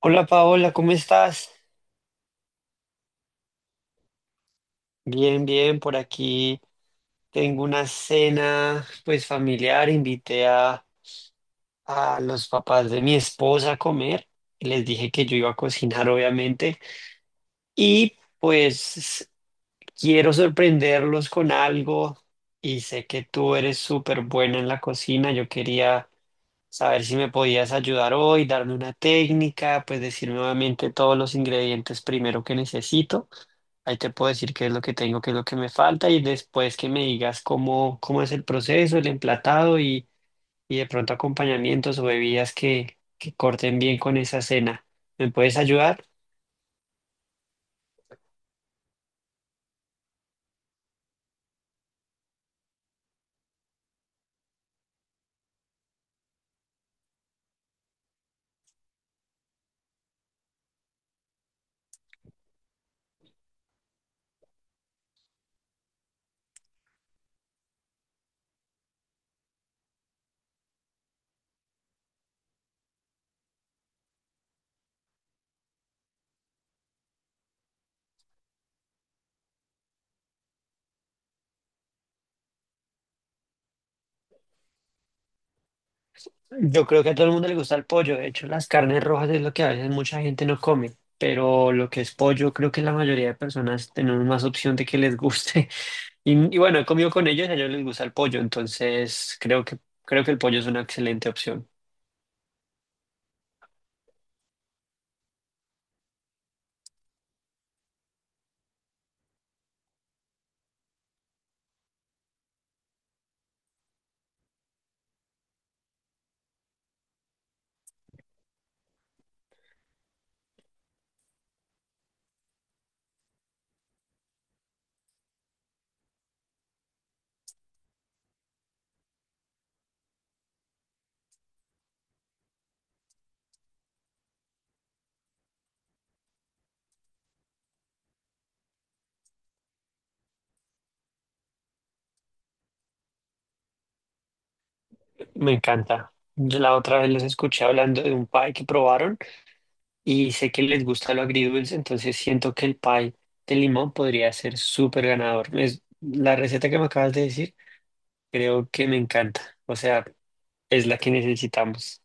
Hola Paola, ¿cómo estás? Bien, bien, por aquí tengo una cena pues familiar, invité a los papás de mi esposa a comer y les dije que yo iba a cocinar obviamente y pues quiero sorprenderlos con algo y sé que tú eres súper buena en la cocina, yo quería saber si me podías ayudar hoy, darme una técnica, pues decirme nuevamente todos los ingredientes primero que necesito. Ahí te puedo decir qué es lo que tengo, qué es lo que me falta y después que me digas cómo, cómo es el proceso, el emplatado y de pronto acompañamientos o bebidas que corten bien con esa cena. ¿Me puedes ayudar? Yo creo que a todo el mundo le gusta el pollo. De hecho, las carnes rojas es lo que a veces mucha gente no come, pero lo que es pollo, creo que la mayoría de personas tenemos más opción de que les guste. Y, y bueno, he comido con ellos y a ellos les gusta el pollo, entonces creo que el pollo es una excelente opción. Me encanta. Yo la otra vez los escuché hablando de un pie que probaron y sé que les gusta lo agridulce, entonces siento que el pie de limón podría ser súper ganador. Es, la receta que me acabas de decir, creo que me encanta. O sea, es la que necesitamos.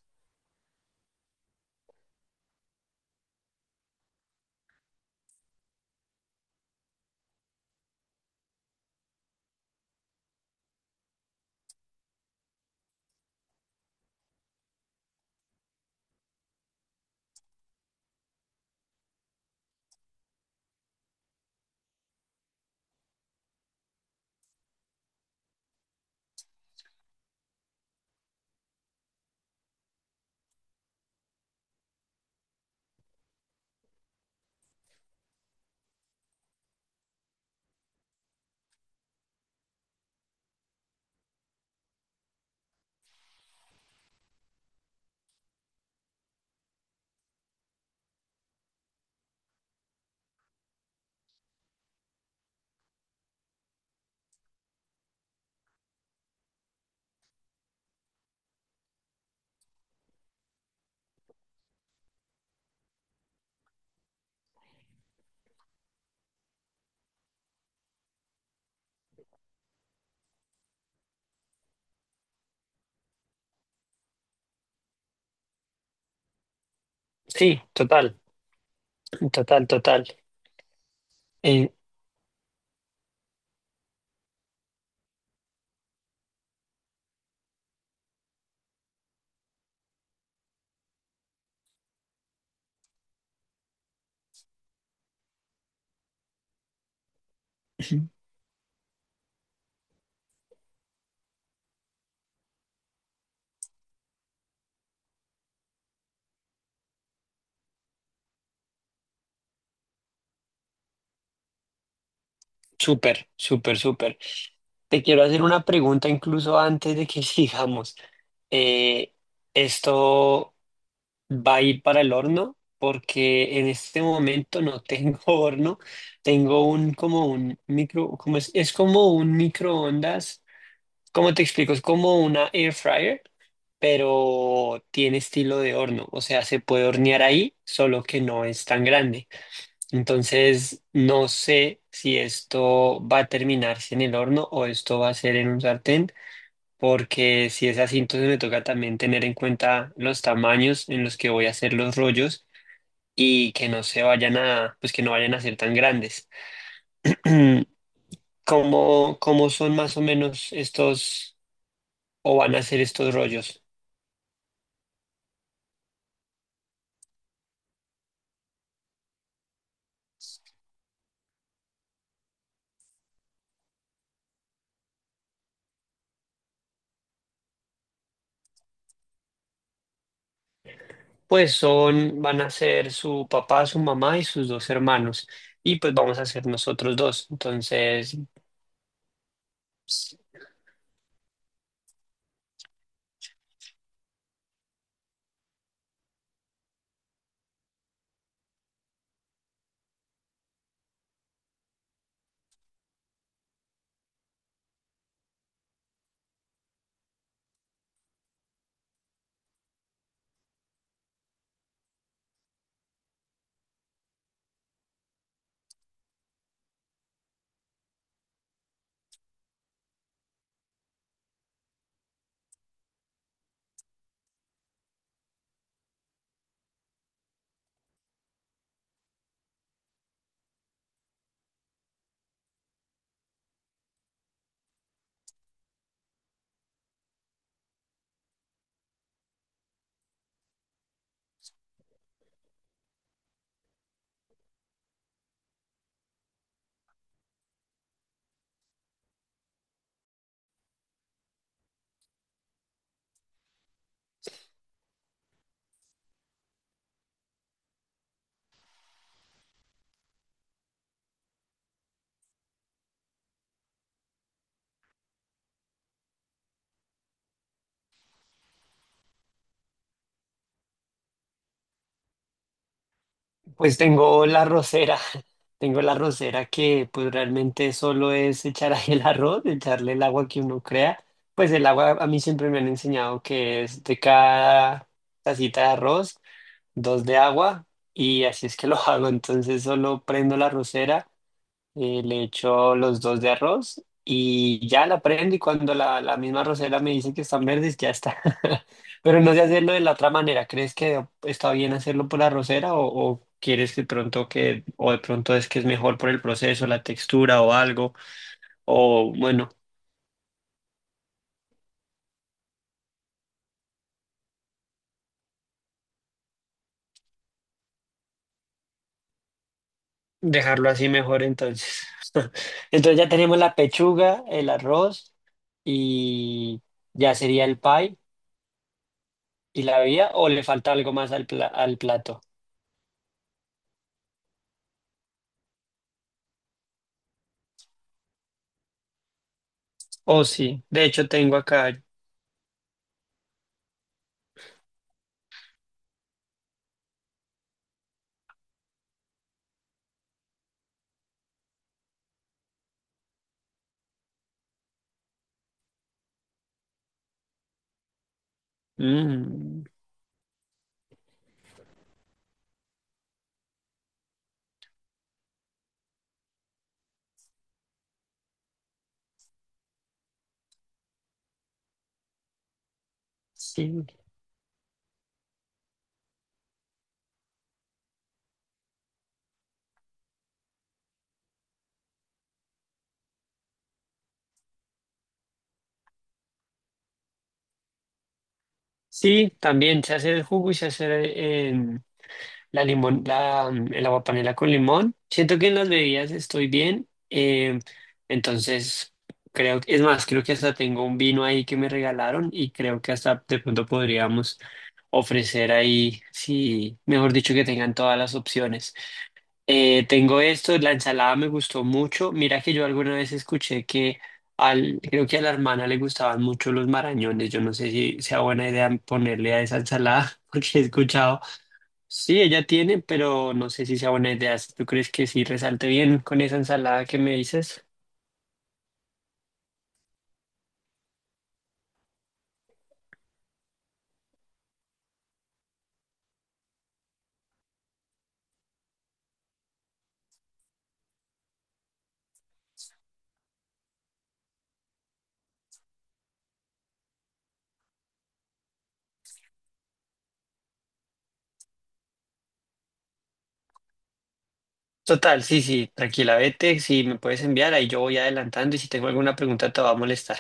Sí, total, total, total. Eh, súper, súper, súper. Te quiero hacer una pregunta incluso antes de que sigamos. Eh, esto. Va a ir para el horno porque en este momento no tengo horno, tengo un como un micro, como es como un microondas, ¿cómo te explico? Es como una air fryer, pero tiene estilo de horno, o sea, se puede hornear ahí, solo que no es tan grande. Entonces, no sé si esto va a terminarse en el horno o esto va a ser en un sartén porque si es así, entonces me toca también tener en cuenta los tamaños en los que voy a hacer los rollos y que no se vayan a, pues que no vayan a ser tan grandes. ¿Cómo, cómo son más o menos estos o van a ser estos rollos? Pues son, van a ser su papá, su mamá y sus dos hermanos. Y pues vamos a ser nosotros dos. Entonces, pues tengo la rosera, tengo la rosera que pues realmente solo es echar ahí el arroz, echarle el agua que uno crea. Pues el agua a mí siempre me han enseñado que es de cada tacita de arroz, dos de agua y así es que lo hago. Entonces solo prendo la rosera le echo los dos de arroz y ya la prendo y cuando la misma arrocera me dice que están verdes, ya está. Pero no sé hacerlo de la otra manera. ¿Crees que está bien hacerlo por la arrocera o quieres que pronto que, o de pronto es que es mejor por el proceso, la textura o algo? O bueno, dejarlo así mejor entonces. Entonces ya tenemos la pechuga, el arroz y ya sería el pie y la vía o le falta algo más al, pla- al plato. Oh, sí. De hecho, tengo acá. Mm, sí. Sí, también se hace el jugo y se hace la limón, la, mm, el aguapanela con limón. Siento que en las bebidas estoy bien. Entonces, creo que, es más, creo que hasta tengo un vino ahí que me regalaron y creo que hasta de pronto podríamos ofrecer ahí, sí, mejor dicho, que tengan todas las opciones. Tengo esto, la ensalada me gustó mucho. Mira que yo alguna vez escuché que al, creo que a la hermana le gustaban mucho los marañones. Yo no sé si sea buena idea ponerle a esa ensalada, porque he escuchado, sí, ella tiene, pero no sé si sea buena idea. Si ¿tú crees que sí resalte bien con esa ensalada que me dices? Total, sí, sí, tranquila, vete, si me puedes enviar, ahí yo voy adelantando y si tengo alguna pregunta te va a molestar.